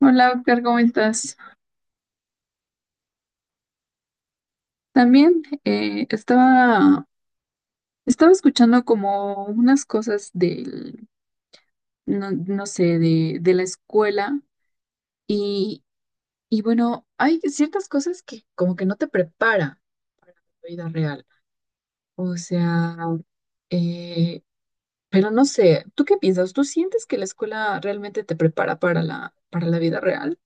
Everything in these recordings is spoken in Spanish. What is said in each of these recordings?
Hola, Oscar, ¿cómo estás? También estaba escuchando como unas cosas del, no, no sé, de la escuela y, y bueno, hay ciertas cosas que como que no te prepara para la vida real. O sea, eh, pero no sé, ¿tú qué piensas? ¿Tú sientes que la escuela realmente te prepara para para la vida real?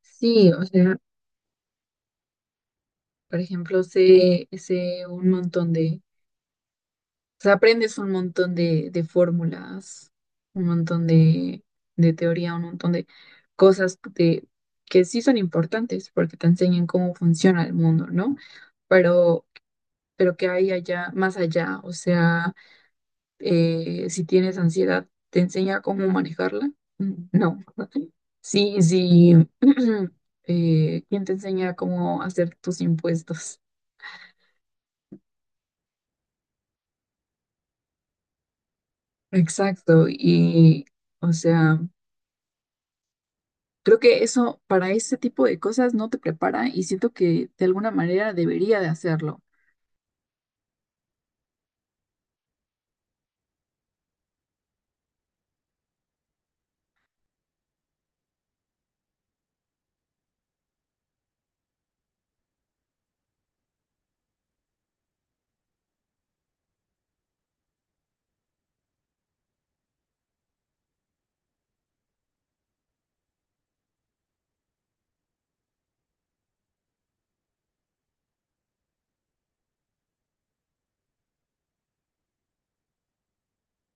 Sí, o sea, por ejemplo, sé un montón de. O sea, aprendes un montón de fórmulas, un montón de teoría, un montón de cosas de- que sí son importantes porque te enseñan cómo funciona el mundo, ¿no? Pero, pero que hay allá, más allá, o sea, si tienes ansiedad, ¿te enseña cómo manejarla? Mm, no. Sí, sí. ¿Quién te enseña cómo hacer tus impuestos? Exacto. Y, o sea... Creo que eso, para ese tipo de cosas, no te prepara y siento que de alguna manera debería de hacerlo,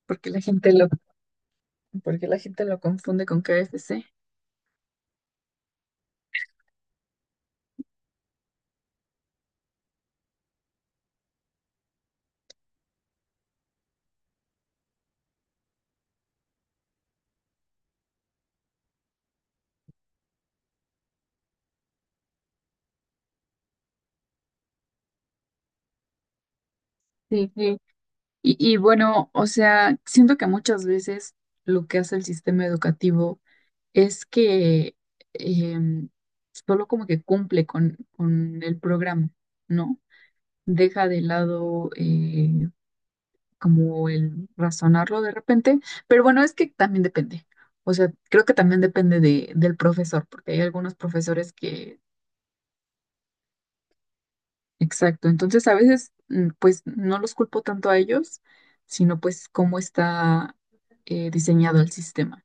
porque porque la gente lo confunde con KFC. Sí, sí, sí. Y bueno, o sea, siento que muchas veces lo que hace el sistema educativo es que em, solo como que cumple con el programa, ¿no? Deja de lado, como el razonarlo de repente, pero bueno, es que también depende. O sea, creo que también depende del profesor, porque hay algunos profesores que, exacto, entonces a veces pues no los culpo tanto a ellos, sino pues cómo está diseñado el sistema.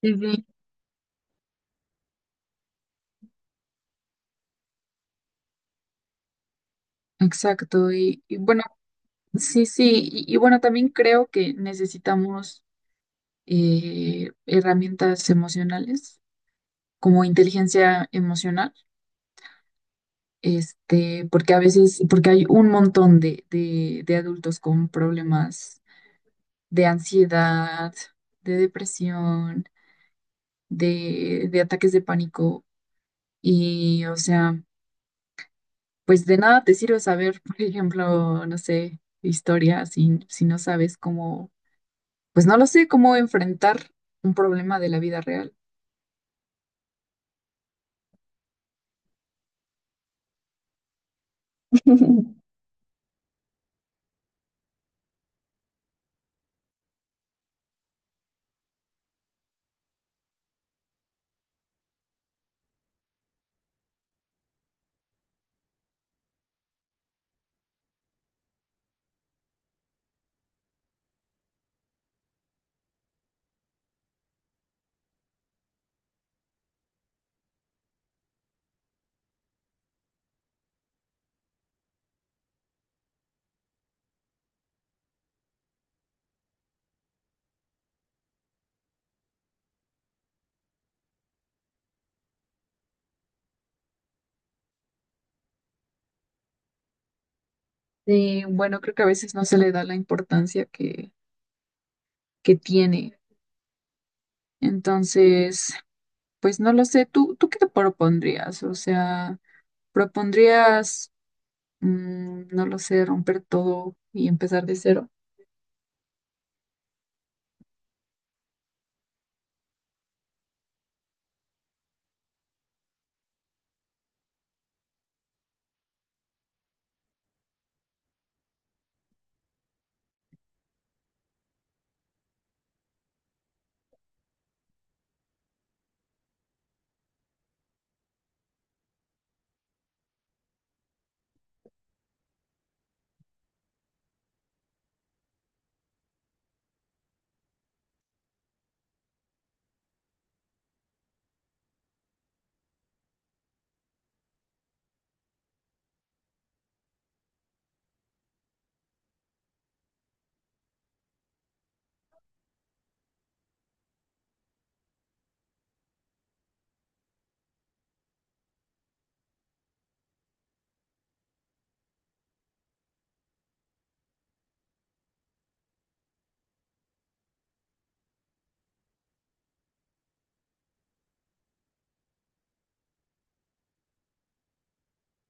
Sí, sí. Exacto, y bueno, sí, sí, y bueno, también creo que necesitamos herramientas emocionales, como inteligencia emocional. Este, porque a veces, porque hay un montón de adultos con problemas de ansiedad, de depresión, de ataques de pánico. Y, o sea, pues de nada te sirve saber, por ejemplo, no sé, historia, si no sabes cómo, pues no lo sé, cómo enfrentar un problema de la vida real. Y bueno, creo que a veces no se le da la importancia que tiene. Entonces... Pues no lo sé, tú qué te propondrías? O sea, ¿propondrías, no lo sé, romper todo y empezar de cero?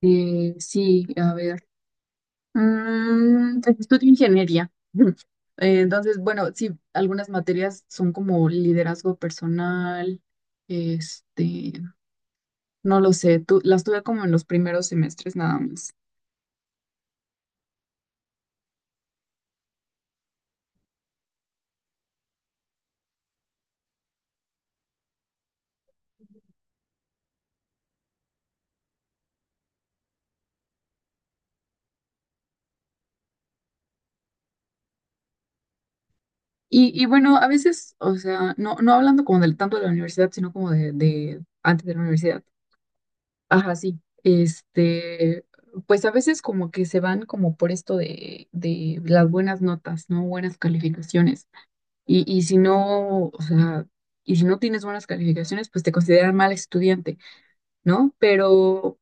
Sí, a ver. Mm, pues estudio ingeniería. Entonces, bueno, sí, algunas materias son como liderazgo personal, este, no lo sé, tú, las tuve como en los primeros semestres nada más. Y bueno, a veces, o sea, no hablando como del, tanto de la universidad, sino como de antes de la universidad. Ajá, sí. Este, pues a veces como que se van como por esto de las buenas notas, ¿no? Buenas calificaciones. Y si no, o sea, y si no tienes buenas calificaciones, pues te consideran mal estudiante, ¿no?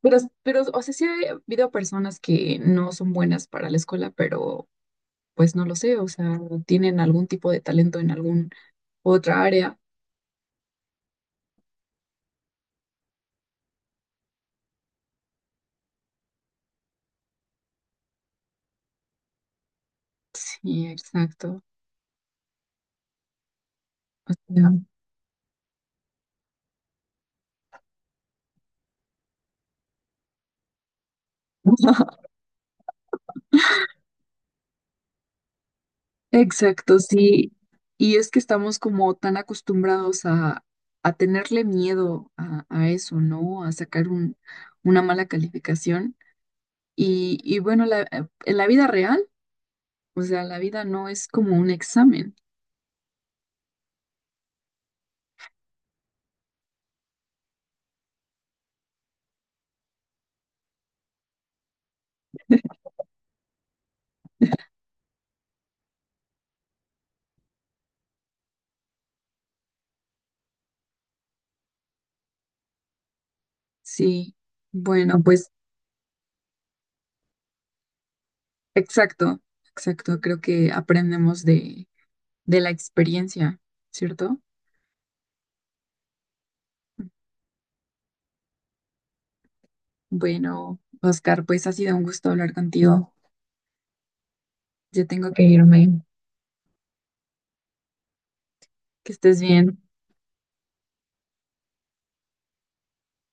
pero, pero, o sea, sí ha habido personas que no son buenas para la escuela, pero pues no lo sé, o sea, tienen algún tipo de talento en algún otra área. Sí, exacto. O sea, exacto, sí. Y es que estamos como tan acostumbrados a tenerle miedo a eso, ¿no? A sacar un, una mala calificación. Y bueno, en la vida real, o sea, la vida no es como un examen. Sí. Bueno, pues exacto, exacto. Creo que aprendemos de la experiencia, ¿cierto? Bueno, Oscar, pues ha sido un gusto hablar contigo. Ya tengo que irme. Que estés bien.